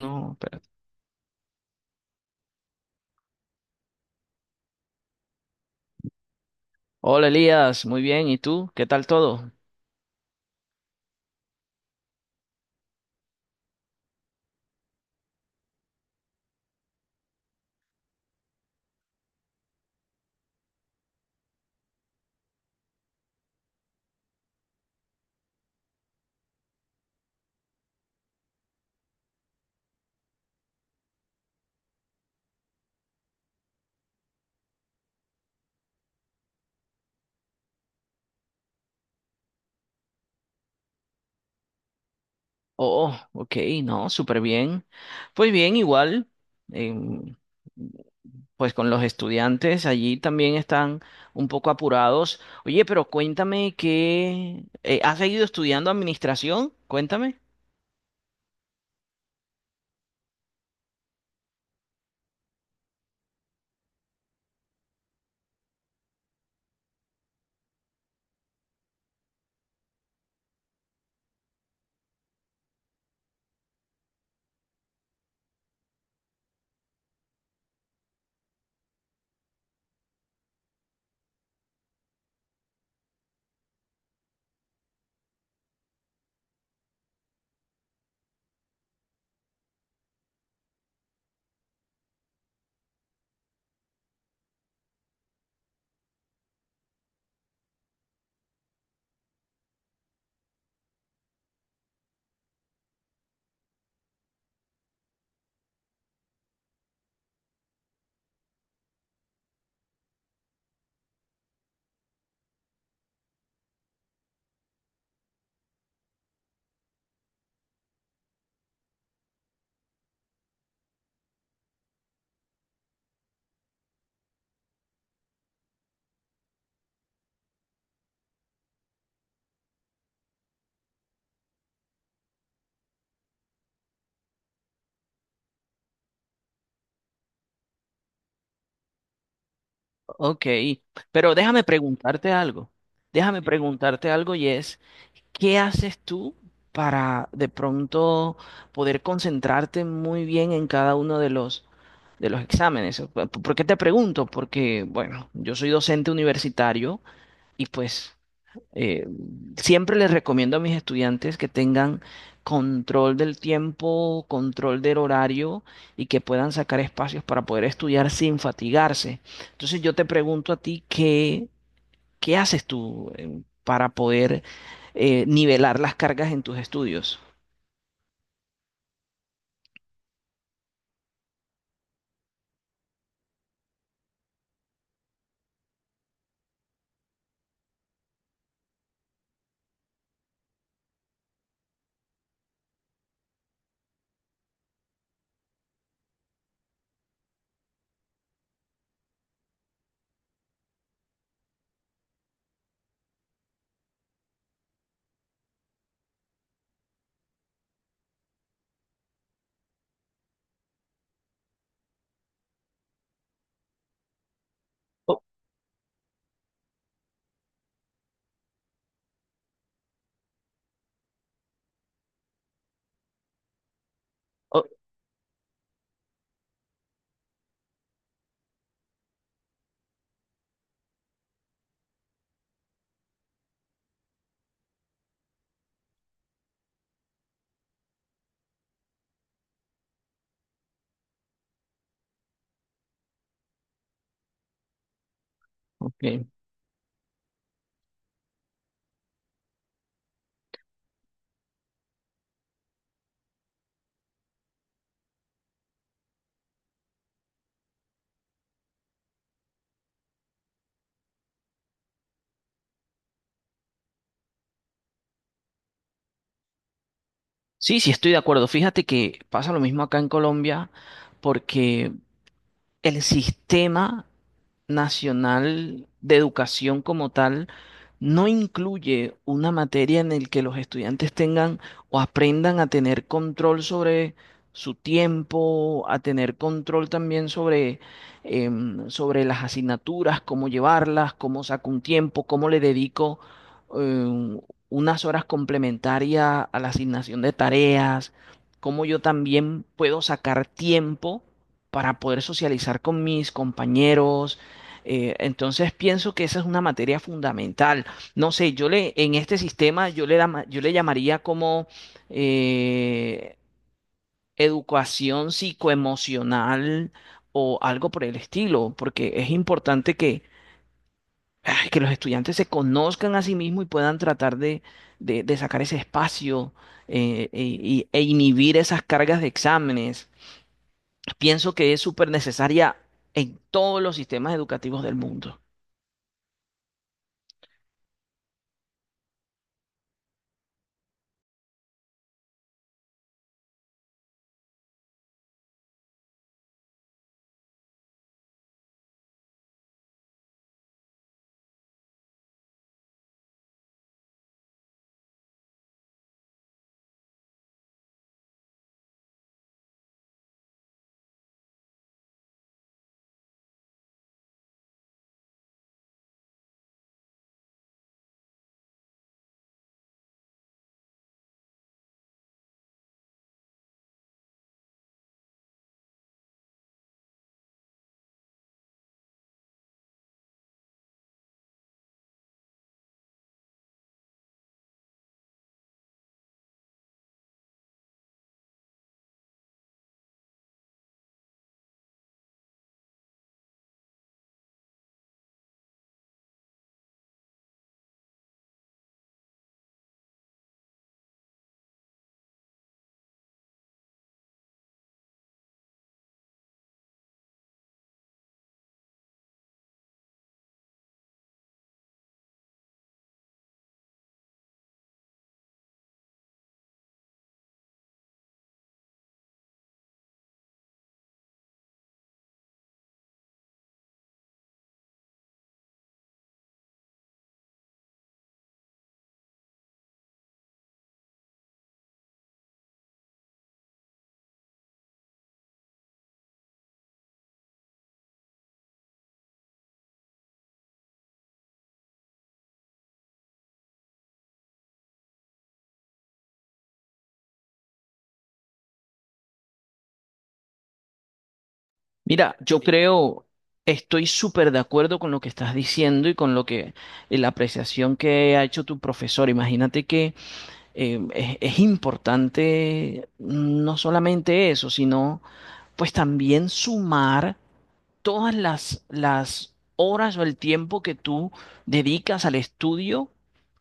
No, espérate. Hola Elías, muy bien. ¿Y tú? ¿Qué tal todo? Oh, oh, ok, no, súper bien. Pues bien, igual, em, pues con los estudiantes allí también están un poco apurados. Oye, pero cuéntame, ¿que has seguido estudiando administración? Cuéntame. Ok, pero déjame preguntarte algo. Déjame preguntarte algo y es, ¿qué haces tú para de pronto poder concentrarte muy bien en cada uno de los exámenes? ¿Por qué te pregunto? Porque, bueno, yo soy docente universitario y pues eh, siempre les recomiendo a mis estudiantes que tengan control del tiempo, control del horario y que puedan sacar espacios para poder estudiar sin fatigarse. Entonces yo te pregunto a ti, ¿qué haces tú para poder nivelar las cargas en tus estudios? Oh, oh, ok. Sí, sí, estoy de acuerdo. Fíjate que pasa lo mismo acá en Colombia, porque el sistema nacional de educación como tal no incluye una materia en el que los estudiantes tengan o aprendan a tener control sobre su tiempo, a tener control también sobre, sobre las asignaturas, cómo llevarlas, cómo saco un tiempo, cómo le dedico em, unas horas complementarias a la asignación de tareas, cómo yo también puedo sacar tiempo para poder socializar con mis compañeros. Entonces pienso que esa es una materia fundamental. No sé, en este sistema yo le llamaría como eh, educación psicoemocional o algo por el estilo, porque es importante que, ay, que los estudiantes se conozcan a sí mismos y puedan tratar de sacar ese espacio e inhibir esas cargas de exámenes. Pienso que es súper necesaria en todos los sistemas educativos del mundo. Mira, yo creo, estoy súper de acuerdo con lo que estás diciendo y con lo que la apreciación que ha hecho tu profesor. Imagínate que es importante, no solamente eso, sino pues también sumar todas las horas o el tiempo que tú dedicas al estudio.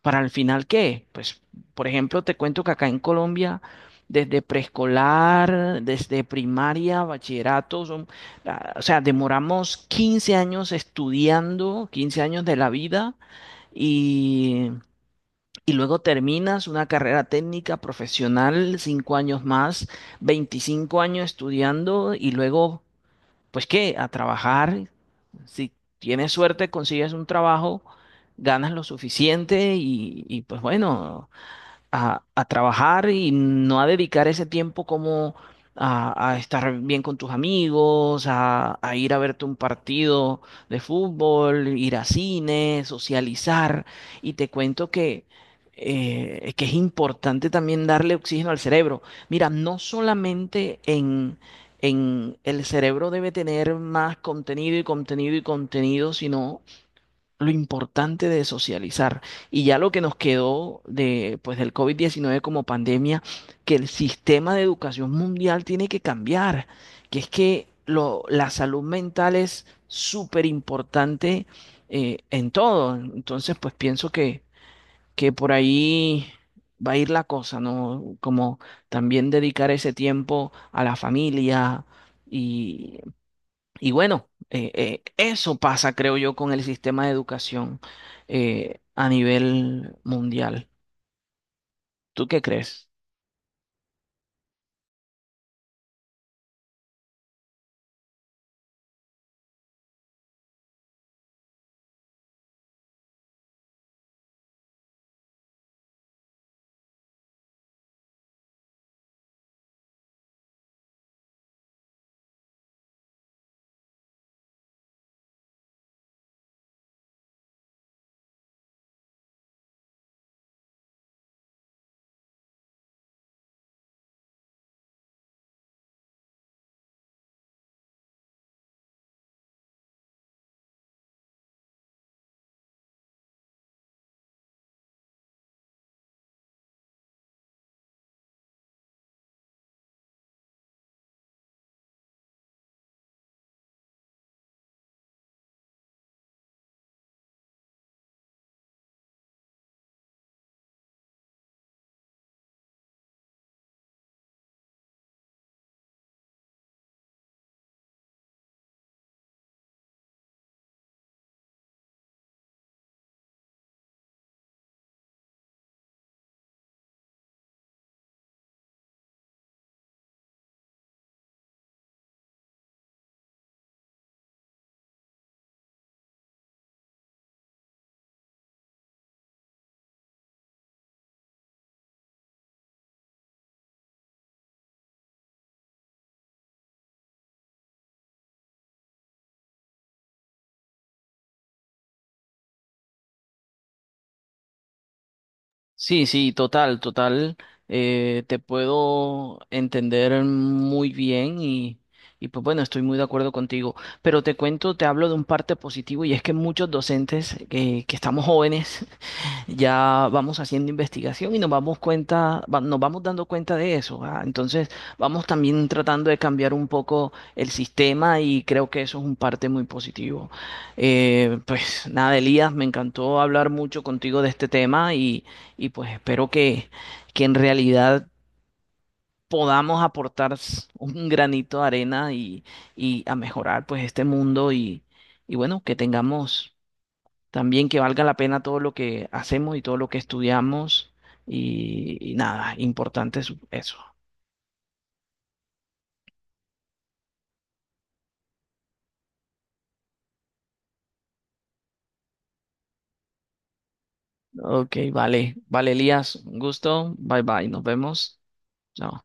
¿Para al final qué? Pues, por ejemplo, te cuento que acá en Colombia, desde preescolar, desde primaria, bachillerato, o sea, demoramos 15 años estudiando, 15 años de la vida, y... y luego terminas una carrera técnica profesional, 5 años más, 25 años estudiando. Y luego, pues qué, a trabajar. Si tienes suerte, consigues un trabajo, ganas lo suficiente y, pues bueno, a trabajar y no a dedicar ese tiempo como a estar bien con tus amigos, a ir a verte un partido de fútbol, ir a cine, socializar. Y te cuento que es importante también darle oxígeno al cerebro. Mira, no solamente en... en el cerebro debe tener más contenido y contenido y contenido, sino lo importante de socializar. Y ya lo que nos quedó de, pues, del COVID-19 como pandemia, que el sistema de educación mundial tiene que cambiar, que es que lo, la salud mental es súper importante en todo. Entonces, pues pienso que por ahí va a ir la cosa, ¿no? Como también dedicar ese tiempo a la familia y bueno, eso pasa, creo yo, con el sistema de educación a nivel mundial. ¿Tú qué crees? Sí, sí, total, total. Te puedo entender muy bien y pues bueno, estoy muy de acuerdo contigo. Pero te cuento, te hablo de un parte positivo, y es que muchos docentes que estamos jóvenes ya vamos haciendo investigación y nos vamos dando cuenta de eso. Ah, entonces, vamos también tratando de cambiar un poco el sistema y creo que eso es un parte muy positivo. Pues nada, Elías, me encantó hablar mucho contigo de este tema y pues espero que en realidad podamos aportar un granito de arena y a mejorar pues este mundo y bueno, que tengamos también que valga la pena todo lo que hacemos y todo lo que estudiamos y nada, importante es eso. Ok, vale, vale, Elías, un gusto, bye bye, nos vemos. Chao.